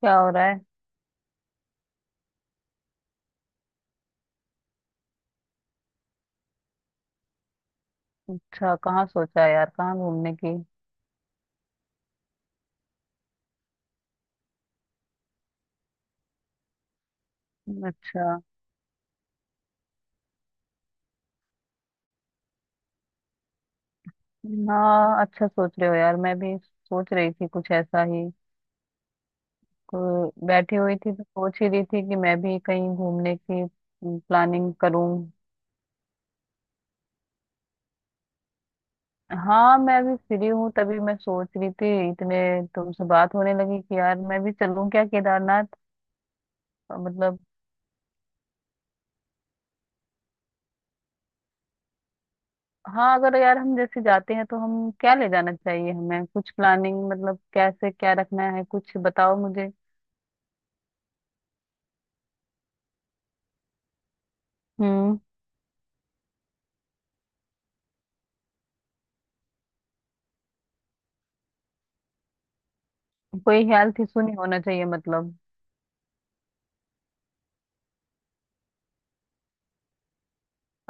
क्या हो रहा है। अच्छा, कहाँ सोचा है यार, कहाँ घूमने की। अच्छा। हाँ, अच्छा सोच रहे हो यार, मैं भी सोच रही थी कुछ ऐसा ही। बैठी हुई थी तो सोच ही रही थी कि मैं भी कहीं घूमने की प्लानिंग करूं। हाँ, मैं भी फ्री हूँ, तभी मैं सोच रही थी इतने तुमसे बात होने लगी कि यार मैं भी चलूं क्या केदारनाथ। मतलब। हाँ, अगर यार हम जैसे जाते हैं तो हम क्या ले जाना चाहिए, हमें कुछ प्लानिंग मतलब कैसे क्या रखना है, कुछ बताओ मुझे। हम्म। कोई हेल्थ इशू नहीं होना चाहिए मतलब।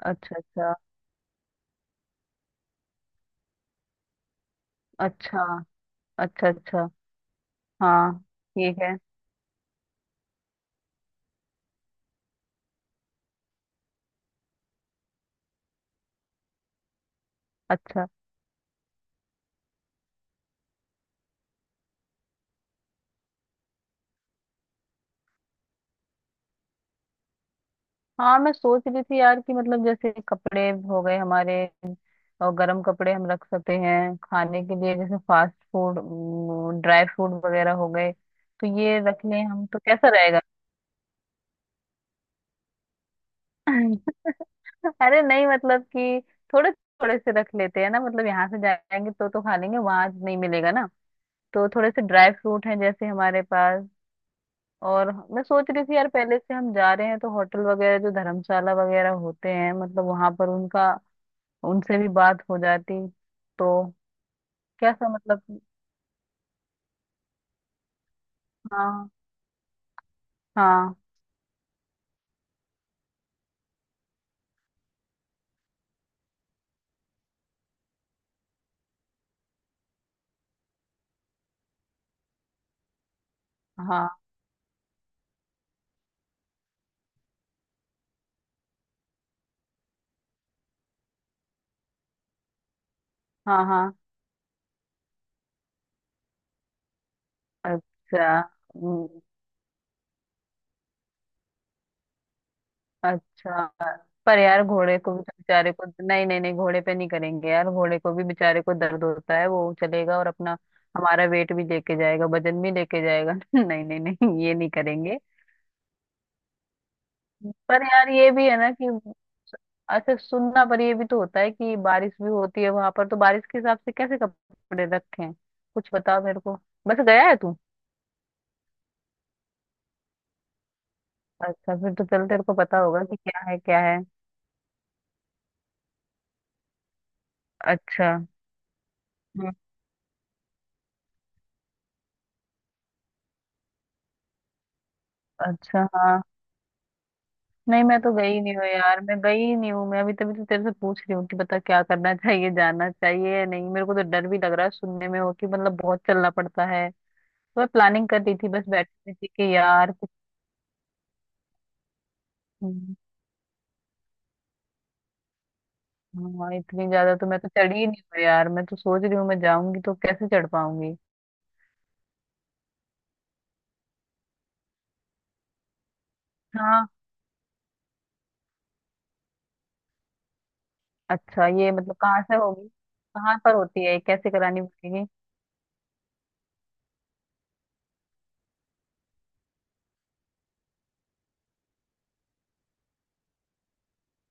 अच्छा, अच्छा। अच्छा, अच्छा। अच्छा। हाँ, ठीक है। अच्छा। हाँ, मैं सोच रही थी यार कि मतलब जैसे कपड़े हो गए हमारे, और गर्म कपड़े हम रख सकते हैं, खाने के लिए जैसे फास्ट फूड, ड्राई फ्रूट वगैरह हो गए, तो ये रख लें हम तो कैसा रहेगा। अरे नहीं मतलब कि थोड़े थोड़े से रख लेते हैं ना, मतलब यहाँ से जाएंगे तो खा लेंगे, वहां नहीं मिलेगा ना। तो थोड़े से ड्राई फ्रूट हैं जैसे हमारे पास। और मैं सोच रही थी यार, पहले से हम जा रहे हैं तो होटल वगैरह जो धर्मशाला वगैरह होते हैं, मतलब वहां पर उनका उनसे भी बात हो जाती, तो कैसा मतलब। हाँ, हाँ। हाँ, हाँ। हाँ। अच्छा। हम्म। अच्छा। पर यार घोड़े को भी तो बेचारे को, नहीं नहीं नहीं, घोड़े पे नहीं करेंगे यार, घोड़े को भी बेचारे को दर्द होता है, वो चलेगा और अपना हमारा वेट भी लेके जाएगा, वजन भी लेके जाएगा। नहीं नहीं नहीं, ये नहीं करेंगे। पर यार ये भी है ना कि अच्छा, सुनना, पर ये भी तो होता है कि बारिश भी होती है वहां पर, तो बारिश के हिसाब से कैसे कपड़े रखें, कुछ बताओ मेरे को। बस गया है तू। अच्छा, फिर तो चल, तेरे को पता होगा कि क्या है क्या है। अच्छा। हम्म। अच्छा। हाँ। नहीं, मैं तो गई नहीं हूँ यार, मैं गई ही नहीं हूँ, मैं अभी तभी तो तेरे से पूछ रही हूँ कि बता क्या करना चाहिए, जाना चाहिए या नहीं, मेरे को तो डर भी लग रहा है सुनने में हो कि मतलब बहुत चलना पड़ता है। तो मैं प्लानिंग कर रही थी, बस बैठी हुई थी कि यार कुछ। हाँ, इतनी ज्यादा तो मैं तो चढ़ी ही नहीं हूँ यार, मैं तो सोच रही हूँ मैं जाऊंगी तो कैसे चढ़ पाऊंगी। हाँ, अच्छा, ये मतलब कहाँ से होगी, कहाँ पर होती है, कैसे करानी पड़ेगी।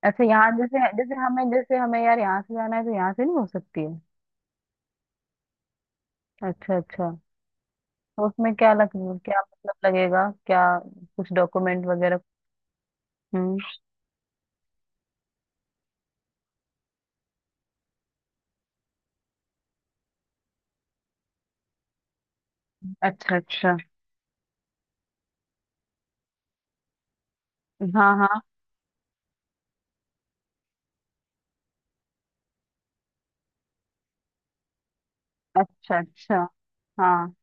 अच्छा, यहाँ जैसे जैसे हमें यार, यहाँ से जाना है तो यहाँ से नहीं हो सकती है। अच्छा, अच्छा। तो उसमें क्या मतलब लगेगा क्या, कुछ डॉक्यूमेंट वगैरह। हम्म। अच्छा, अच्छा। हाँ, हाँ। अच्छा, अच्छा। हाँ,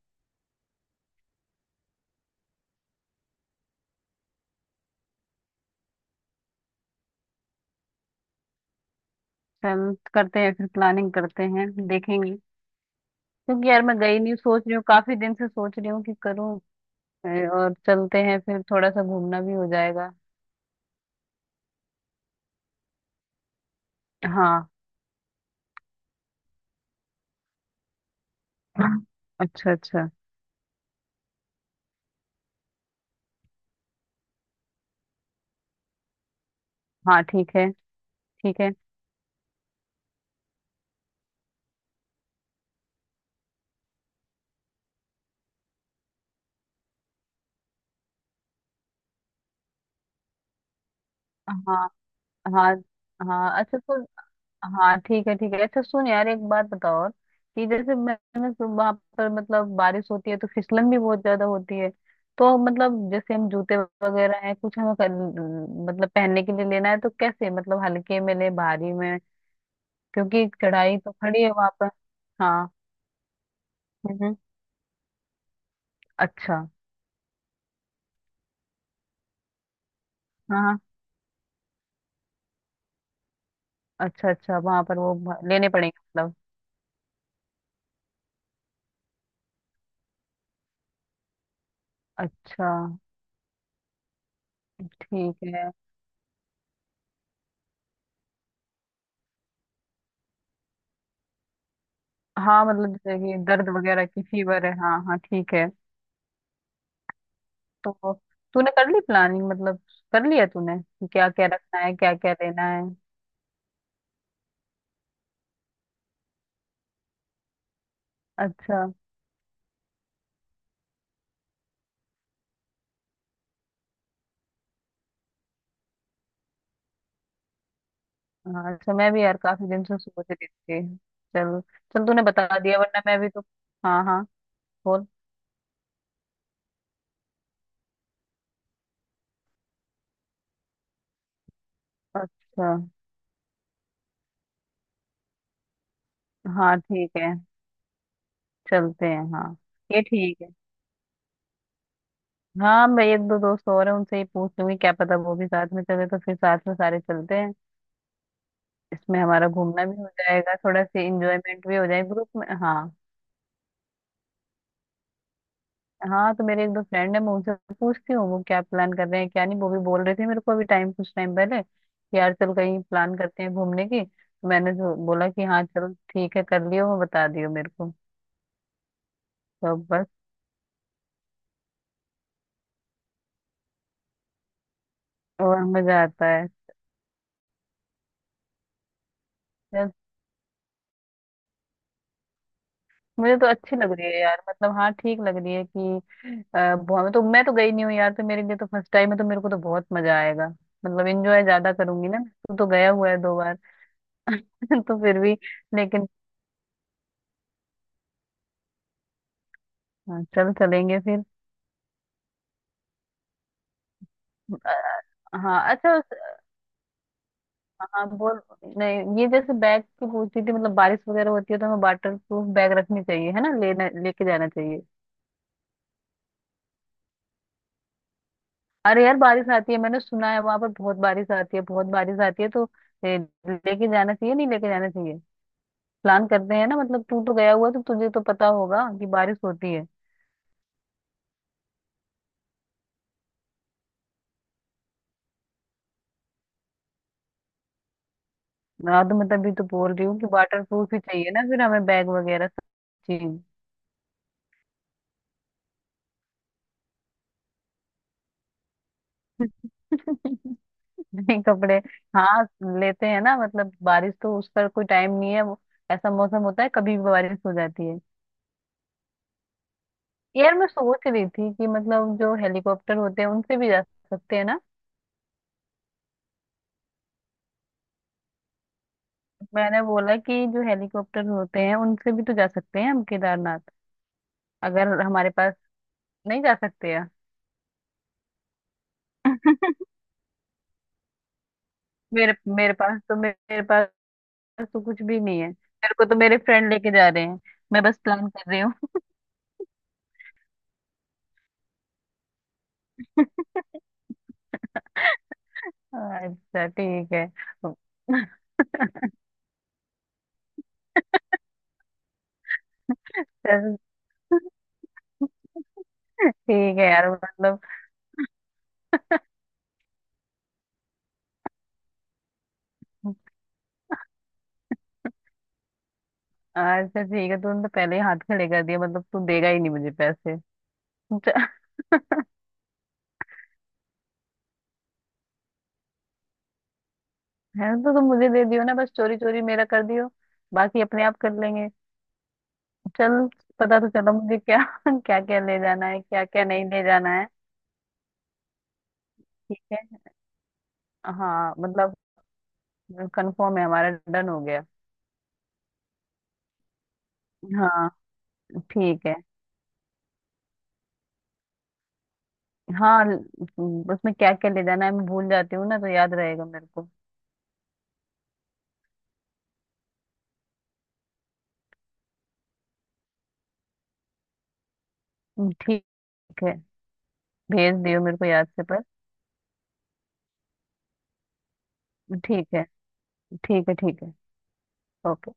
चल करते हैं फिर, प्लानिंग करते हैं देखेंगे। क्योंकि यार मैं गई नहीं, सोच रही हूँ काफी दिन से, सोच रही हूँ कि करूँ। और चलते हैं फिर, थोड़ा सा घूमना भी हो जाएगा। हाँ। अच्छा, अच्छा। हाँ, ठीक है, ठीक है। हाँ, हाँ, हाँ। अच्छा। तो हाँ, ठीक है, ठीक है। अच्छा, सुन यार, एक बात बताओ और, कि जैसे मैंने वहां पर मतलब बारिश होती है तो फिसलन भी बहुत ज्यादा होती है, तो मतलब जैसे हम जूते वगैरह हैं कुछ मतलब पहनने के लिए लेना है, तो कैसे मतलब हल्के में ले भारी में, क्योंकि कढ़ाई तो खड़ी है वहां पर। हाँ। हम्म। अच्छा। हाँ, हाँ। अच्छा, अच्छा, वहां पर लेने पड़ेंगे मतलब। अच्छा, ठीक है। हाँ मतलब जैसे कि दर्द वगैरह की, फीवर है, हाँ, हाँ, ठीक है। तो तूने कर ली प्लानिंग मतलब, कर लिया तूने कि क्या क्या रखना है, क्या क्या लेना है। अच्छा। हाँ, अच्छा, मैं भी यार काफी दिन से सोच रही थी। चल, चल तूने बता दिया, वरना मैं भी तो। हाँ, हाँ। बोल। अच्छा, हाँ, ठीक है। चलते हैं, हाँ। ये ठीक है। हाँ, मैं एक दो दोस्त और हैं, उनसे ही पूछ लूंगी, क्या पता वो भी साथ में चले तो फिर साथ में सारे चलते हैं। इसमें हमारा घूमना भी हो जाएगा, थोड़ा सा इंजॉयमेंट भी हो जाएगा ग्रुप में, हाँ। हाँ, तो मेरे एक दो फ्रेंड है, मैं उनसे पूछती हूँ वो क्या प्लान कर रहे हैं क्या नहीं, वो भी बोल रहे थे मेरे को अभी टाइम, कुछ टाइम पहले कि यार चल कहीं प्लान करते हैं घूमने की, तो मैंने जो बोला कि हाँ चलो ठीक है, कर लियो, वो बता दियो मेरे को। तो बस। और मजा आता है। मुझे तो अच्छी लग रही है यार, मतलब हाँ ठीक लग रही है कि बहुत, मैं तो गई नहीं हूँ यार, तो मेरे लिए तो फर्स्ट टाइम है तो मेरे को तो बहुत मजा आएगा, मतलब एंजॉय ज्यादा करूंगी ना। तू तो गया हुआ है दो बार। तो फिर भी। लेकिन। हाँ, चल चलेंगे फिर। हाँ, अच्छा, हाँ बोल। नहीं, ये जैसे बैग की पूछ रही थी, मतलब बारिश वगैरह होती है तो हमें वाटर प्रूफ बैग रखनी चाहिए, है ना, लेना लेके जाना चाहिए। अरे यार बारिश आती है, मैंने सुना है वहां पर बहुत बारिश आती है, बहुत बारिश आती है तो ए, लेके जाना चाहिए नहीं लेके जाना चाहिए, प्लान करते हैं ना, मतलब तू तो गया हुआ है, तो तुझे तो पता होगा कि बारिश होती है। मैं तो मतलब भी तो बोल रही हूँ कि वाटर प्रूफ ही चाहिए ना फिर हमें बैग वगैरह सब चीज। नहीं, कपड़े। हाँ, लेते हैं ना, मतलब बारिश तो उसका कोई टाइम नहीं है, वो ऐसा मौसम होता है, कभी भी बारिश हो जाती है। यार मैं सोच रही थी कि मतलब जो हेलीकॉप्टर होते हैं उनसे भी जा सकते हैं ना। मैंने बोला कि जो हेलीकॉप्टर होते हैं उनसे भी तो जा सकते हैं हम केदारनाथ, अगर हमारे पास। नहीं, जा सकते हैं। मेरे मेरे पास तो, मेरे पास तो कुछ भी नहीं है, मेरे को तो मेरे फ्रेंड लेके जा रहे हैं, मैं बस प्लान कर रही हूँ। अच्छा, ठीक है। चल, ठीक है यार मतलब। हाँ, अच्छा, ठीक है, तूने तो पहले ही हाथ खड़े कर दिया, मतलब तू देगा ही नहीं मुझे पैसे। अच्छा, है तो तुम मुझे दे दियो ना, बस चोरी चोरी मेरा कर दियो, बाकी अपने आप कर लेंगे। चल। पता तो चला मुझे क्या क्या क्या ले जाना है, क्या क्या नहीं ले जाना है। ठीक है। हाँ, मतलब कंफर्म है, हमारा डन हो गया। हाँ। ठीक है। हाँ, उसमें क्या क्या ले जाना है मैं भूल जाती हूँ ना, तो याद रहेगा मेरे को। ठीक है। भेज दियो मेरे को याद से पर। ठीक है, ठीक है। ठीक है। ओके।